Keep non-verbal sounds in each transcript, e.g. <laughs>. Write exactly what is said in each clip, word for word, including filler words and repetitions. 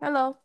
Hello，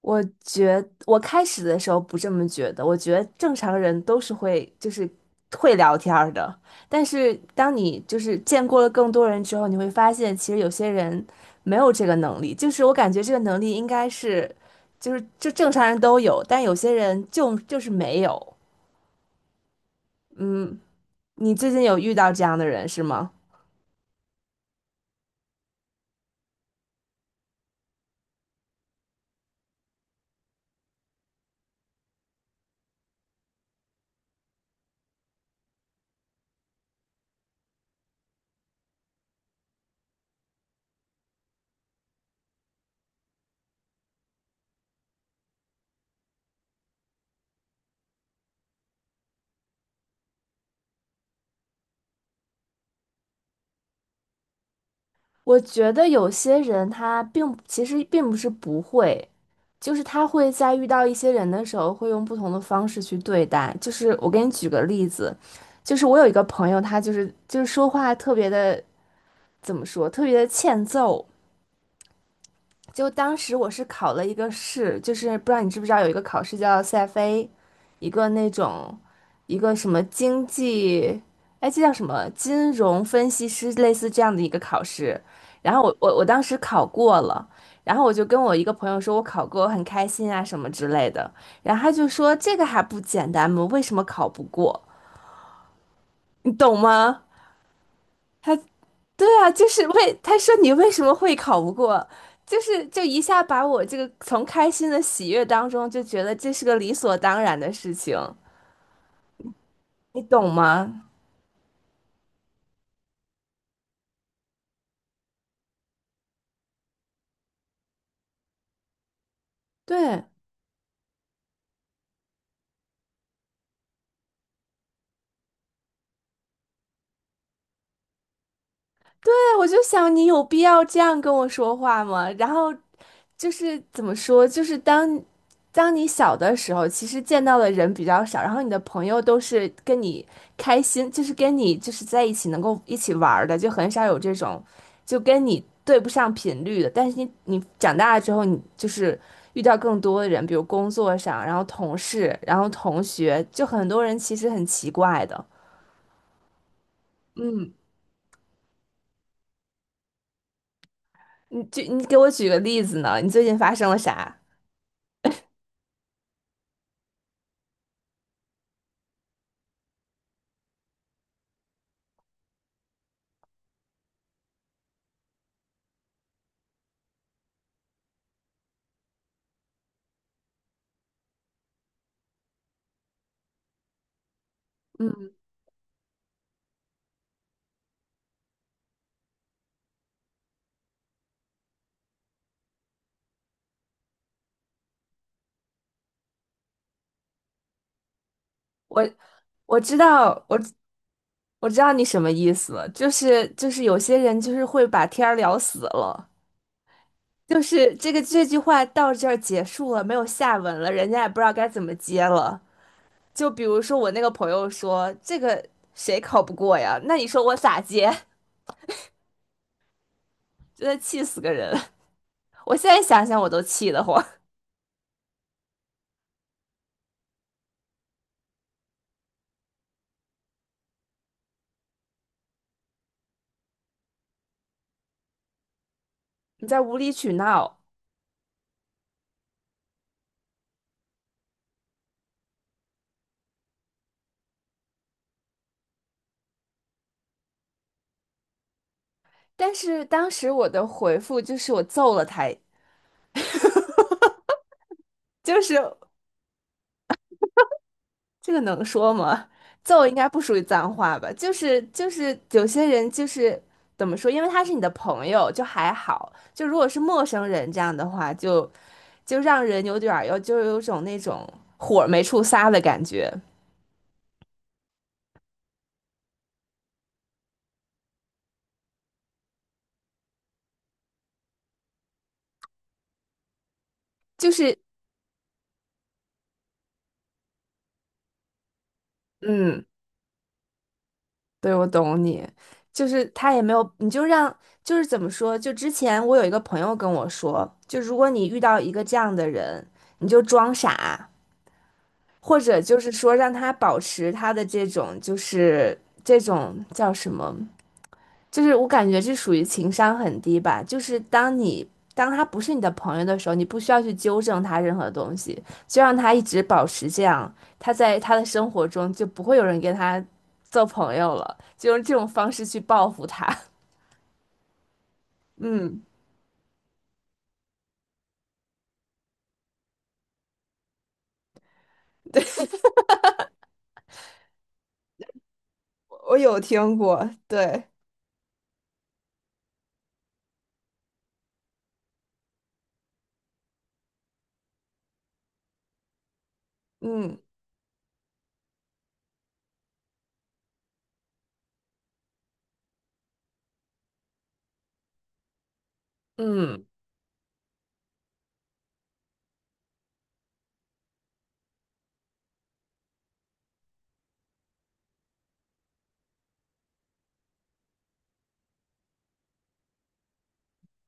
我觉我开始的时候不这么觉得，我觉得正常人都是会就是会聊天儿的，但是当你就是见过了更多人之后，你会发现其实有些人没有这个能力，就是我感觉这个能力应该是就是就正常人都有，但有些人就就是没有。嗯，你最近有遇到这样的人是吗？我觉得有些人他并其实并不是不会，就是他会在遇到一些人的时候，会用不同的方式去对待。就是我给你举个例子，就是我有一个朋友，他就是就是说话特别的怎么说，特别的欠揍。就当时我是考了一个试，就是不知道你知不知道有一个考试叫 C F A，一个那种一个什么经济，哎，这叫什么金融分析师类似这样的一个考试。然后我我我当时考过了，然后我就跟我一个朋友说，我考过，我很开心啊什么之类的。然后他就说这个还不简单吗？为什么考不过？你懂吗？他。对啊，就是为他说你为什么会考不过，就是就一下把我这个从开心的喜悦当中就觉得这是个理所当然的事情，你懂吗？对，对，我就想你有必要这样跟我说话吗？然后就是怎么说，就是当当你小的时候，其实见到的人比较少，然后你的朋友都是跟你开心，就是跟你就是在一起能够一起玩儿的，就很少有这种就跟你对不上频率的。但是你你长大了之后，你就是遇到更多的人，比如工作上，然后同事，然后同学，就很多人其实很奇怪的。嗯，你就你给我举个例子呢？你最近发生了啥？我我知道，我知我知道你什么意思了，就是就是有些人就是会把天儿聊死了，就是这个这句话到这儿结束了，没有下文了，人家也不知道该怎么接了。就比如说我那个朋友说这个谁考不过呀？那你说我咋接？<laughs> 真的气死个人！我现在想想我都气得慌，<laughs> 你在无理取闹。但是当时我的回复就是我揍了他，就是。这个能说吗？揍应该不属于脏话吧？就是就是有些人就是怎么说，因为他是你的朋友，就还好；就如果是陌生人这样的话，就就让人有点儿有就有种那种火没处撒的感觉。就是嗯，对，我懂你。就是他也没有，你就让就是怎么说？就之前我有一个朋友跟我说，就如果你遇到一个这样的人，你就装傻。或者就是说让他保持他的这种就是这种叫什么，就是我感觉这属于情商很低吧。就是当你当他不是你的朋友的时候，你不需要去纠正他任何东西，就让他一直保持这样，他在他的生活中就不会有人跟他做朋友了，就用这种方式去报复他。<laughs> 嗯，我有听过，对，嗯嗯，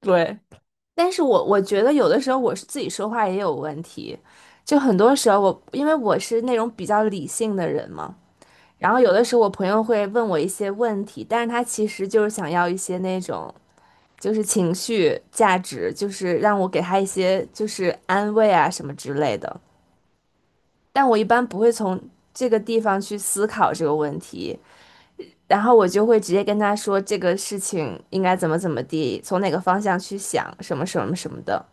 对。但是我我觉得有的时候我是自己说话也有问题，就很多时候我因为我是那种比较理性的人嘛，然后有的时候我朋友会问我一些问题，但是他其实就是想要一些那种就是情绪价值，就是让我给他一些就是安慰啊什么之类的，但我一般不会从这个地方去思考这个问题，然后我就会直接跟他说这个事情应该怎么怎么地，从哪个方向去想什么什么什么的。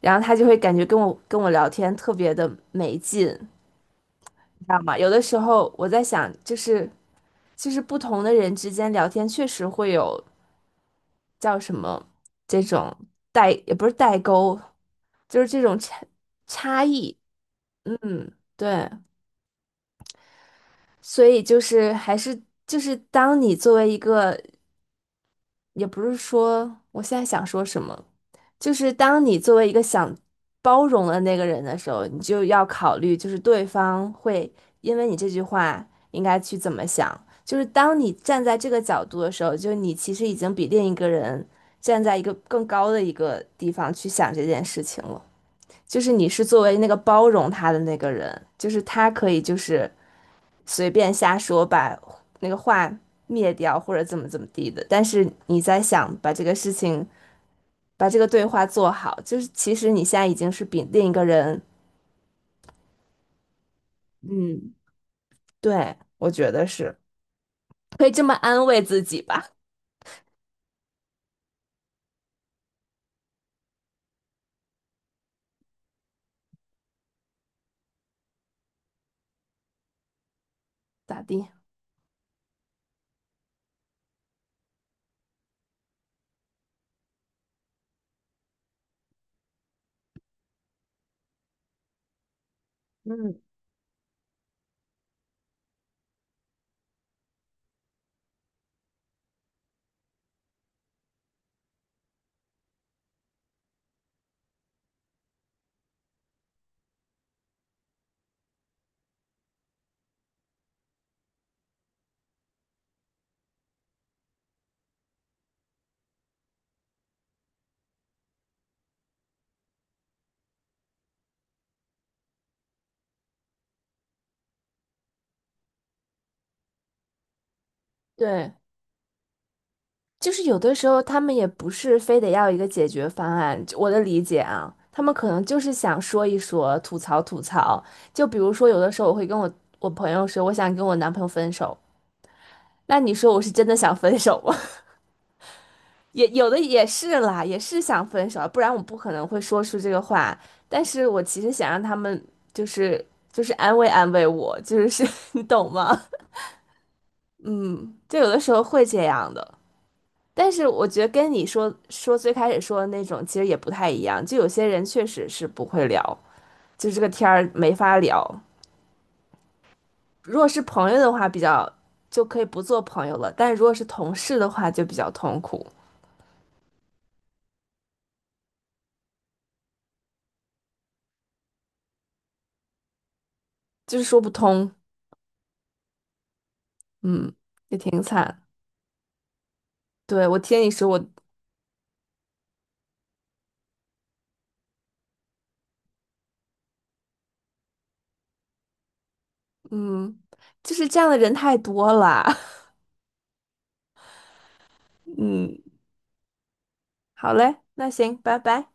然后他就会感觉跟我跟我聊天特别的没劲，你知道吗？有的时候我在想，就是就是不同的人之间聊天确实会有叫什么这种代，也不是代沟，就是这种差差异，嗯，对，所以就是还是就是当你作为一个，也不是说我现在想说什么，就是当你作为一个想包容的那个人的时候，你就要考虑，就是对方会因为你这句话应该去怎么想。就是当你站在这个角度的时候，就你其实已经比另一个人站在一个更高的一个地方去想这件事情了。就是你是作为那个包容他的那个人，就是他可以就是随便瞎说，把那个话灭掉或者怎么怎么地的，但是你在想把这个事情。把这个对话做好，就是其实你现在已经是比另一个人，嗯对，我觉得是可以这么安慰自己吧，咋地？嗯对，就是有的时候他们也不是非得要一个解决方案，就我的理解啊，他们可能就是想说一说，吐槽吐槽。就比如说，有的时候我会跟我我朋友说，我想跟我男朋友分手，那你说我是真的想分手吗？也有的也是啦，也是想分手，不然我不可能会说出这个话。但是我其实想让他们就是就是安慰安慰我，就是是 <laughs> 你懂吗？就有的时候会这样的。但是我觉得跟你说说最开始说的那种其实也不太一样，就有些人确实是不会聊，就这个天儿没法聊。如果是朋友的话，比较就可以不做朋友了，但如果是同事的话，就比较痛苦，就是说不通，嗯，也挺惨。对，我听你说，我嗯，就是这样的人太多了。<laughs> 嗯，好嘞，那行，拜拜。